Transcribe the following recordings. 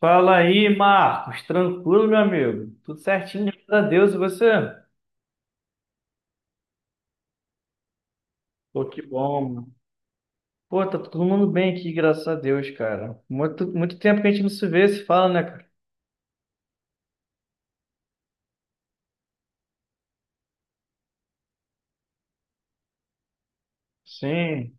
Fala aí, Marcos. Tranquilo, meu amigo? Tudo certinho, graças a Deus. E você? Pô, que bom, mano. Pô, tá todo mundo bem aqui, graças a Deus, cara. Muito, muito tempo que a gente não se vê, se fala, né, cara? Sim.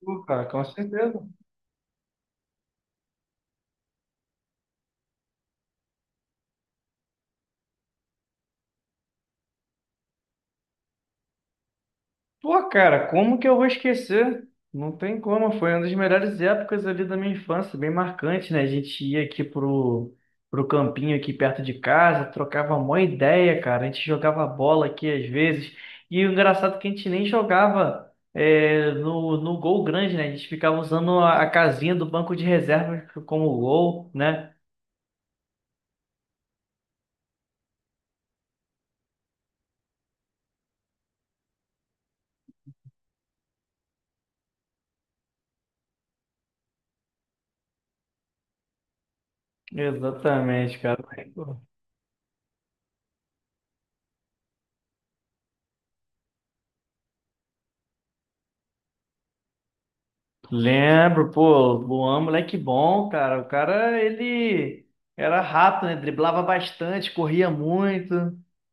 Pô, cara, com certeza. Pô, cara, como que eu vou esquecer? Não tem como, foi uma das melhores épocas ali da minha infância, bem marcante, né? A gente ia aqui pro, pro campinho aqui perto de casa, trocava uma ideia, cara. A gente jogava bola aqui às vezes. E o engraçado é que a gente nem jogava no gol grande, né? A gente ficava usando a casinha do banco de reservas como gol, né? Exatamente, cara. Lembro, pô, Luan, moleque bom, cara. O cara, ele era rápido, né? Driblava bastante, corria muito.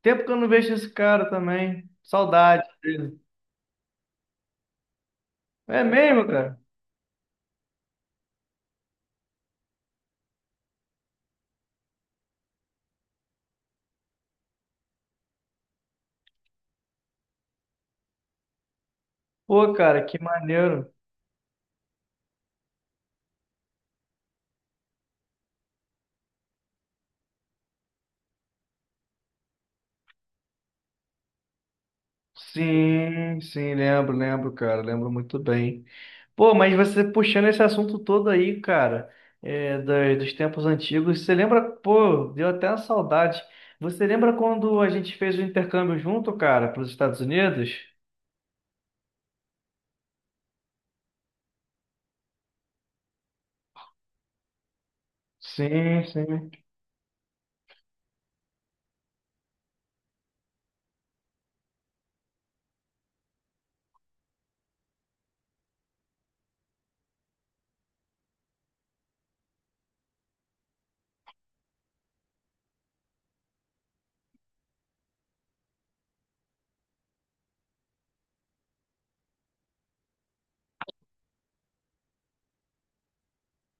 Tempo que eu não vejo esse cara também. Saudade dele. É mesmo, cara? Pô, cara, que maneiro. Sim, sim, lembro, lembro, cara, lembro muito bem. Pô, mas você puxando esse assunto todo aí, cara, dos tempos antigos, você lembra, pô, deu até uma saudade. Você lembra quando a gente fez o intercâmbio junto, cara, para os Estados Unidos? Sim, sim.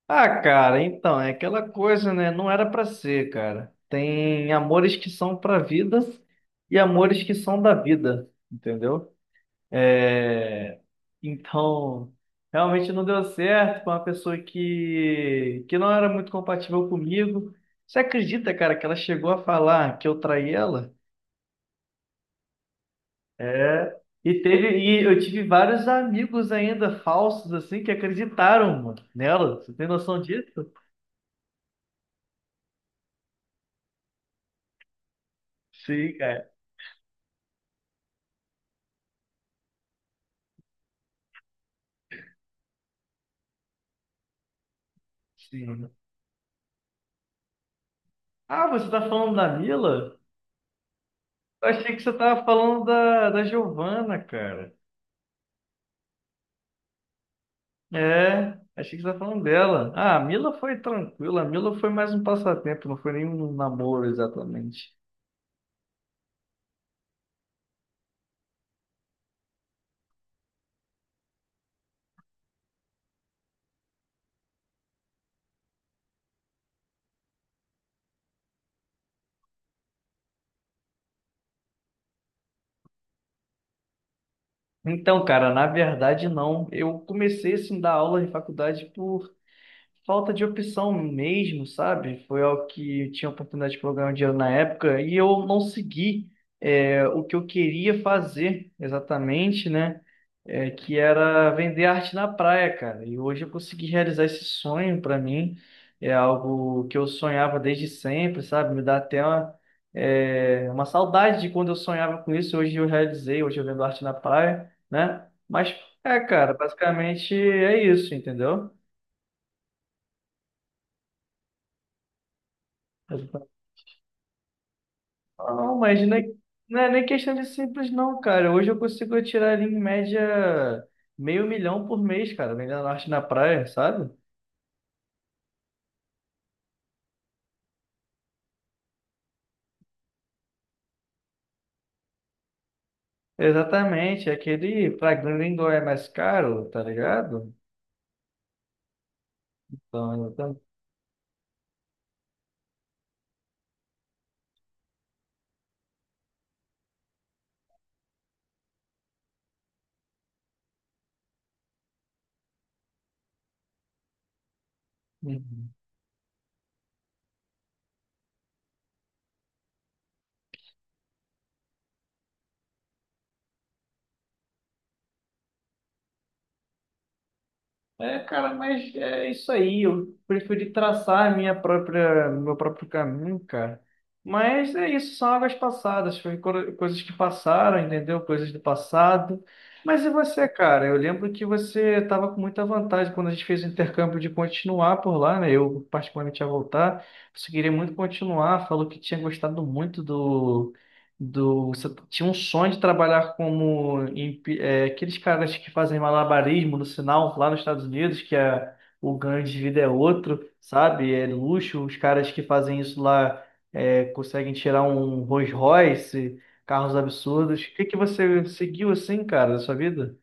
Ah, cara, então, é aquela coisa, né? Não era pra ser, cara. Tem amores que são pra vida e amores que são da vida, entendeu? É... Então, realmente não deu certo com uma pessoa que não era muito compatível comigo. Você acredita, cara, que ela chegou a falar que eu traí ela? É, e eu tive vários amigos ainda falsos, assim, que acreditaram, mano, nela. Você tem noção disso? Sim, cara. Sim. Ah, você tá falando da Mila? Eu achei que você tava falando da, da Giovana, cara. É, achei que você tava falando dela. Ah, a Mila foi tranquila, a Mila foi mais um passatempo, não foi nem um namoro exatamente. Então, cara, na verdade não. Eu comecei assim a dar aula de faculdade por falta de opção mesmo, sabe? Foi algo que eu tinha oportunidade de programar dinheiro na época e eu não segui o que eu queria fazer exatamente, né? Que era vender arte na praia, cara. E hoje eu consegui realizar esse sonho para mim. É algo que eu sonhava desde sempre, sabe? Me dá até uma saudade de quando eu sonhava com isso. Hoje eu realizei, hoje eu vendo arte na praia, né? Mas cara, basicamente é isso, entendeu? Ah, não, mas não é, não é nem questão de simples, não, cara. Hoje eu consigo tirar ali em média meio milhão por mês, cara, vendendo norte na praia, sabe? Exatamente, é aquele pra grande gringo é mais caro, tá ligado? Então. Uhum. É, cara, mas é isso aí. Eu preferi traçar a minha própria, meu próprio caminho, cara. Mas é isso, são águas passadas, foi coisas que passaram, entendeu? Coisas do passado. Mas e você, cara? Eu lembro que você estava com muita vantagem quando a gente fez o intercâmbio de continuar por lá, né? Eu particularmente ia voltar. Você queria muito continuar, falou que tinha gostado muito do você tinha um sonho de trabalhar como aqueles caras que fazem malabarismo no sinal lá nos Estados Unidos, o ganho de vida é outro, sabe? É luxo. Os caras que fazem isso lá conseguem tirar um Rolls Royce, carros absurdos. O que que você seguiu assim, cara, da sua vida?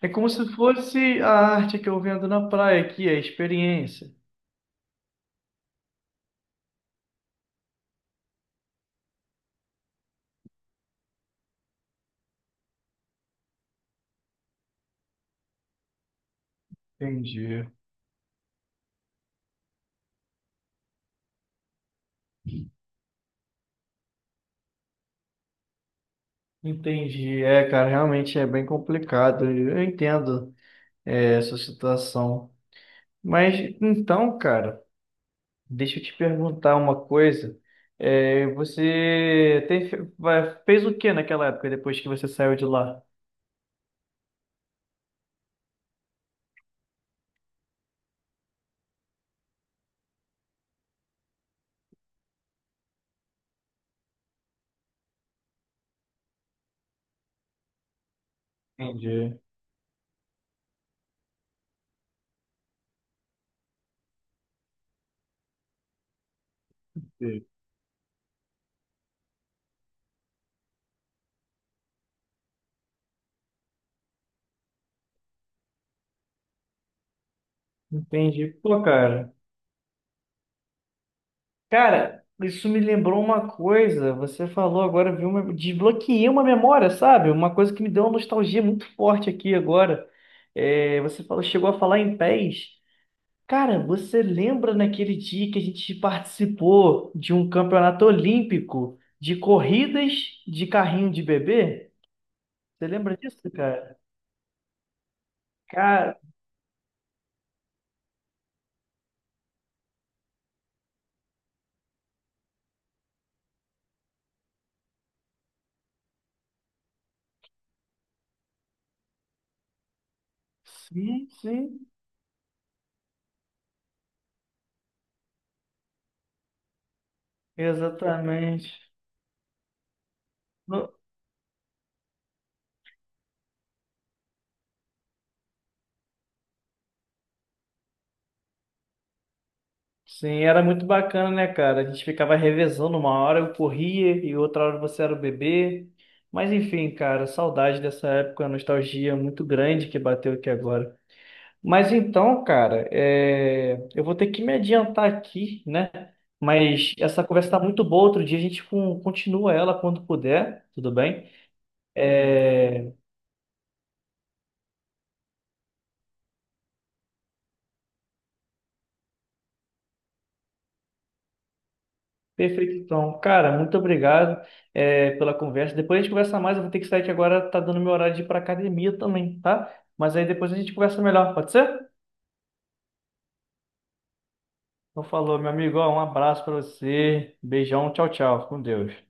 É como se fosse a arte que eu vendo na praia aqui, é a experiência. Entendi. Entendi. É, cara, realmente é bem complicado. Eu entendo. Essa situação. Mas então, cara, deixa eu te perguntar uma coisa. É, você tem, fez o que naquela época depois que você saiu de lá? Entendi. Sim. Entendi. Pô, cara. Cara, isso me lembrou uma coisa. Você falou agora, viu? Desbloqueei uma memória, sabe? Uma coisa que me deu uma nostalgia muito forte aqui agora. É, você falou, chegou a falar em pés. Cara, você lembra naquele dia que a gente participou de um campeonato olímpico de corridas de carrinho de bebê? Você lembra disso, cara? Cara, sim, sim, exatamente. No- Sim, era muito bacana, né, cara? A gente ficava revezando, uma hora eu corria e outra hora você era o bebê. Mas enfim, cara, saudade dessa época, nostalgia muito grande que bateu aqui agora. Mas então, cara, eu vou ter que me adiantar aqui, né? Mas essa conversa tá muito boa. Outro dia a gente continua ela quando puder, tudo bem? É, Perfeito, então. Cara, muito obrigado, pela conversa. Depois a gente conversa mais. Eu vou ter que sair que agora tá dando meu horário de ir pra academia também, tá? Mas aí depois a gente conversa melhor, pode ser? Então falou, meu amigo. Ó, um abraço pra você. Beijão, tchau, tchau. Fica com Deus.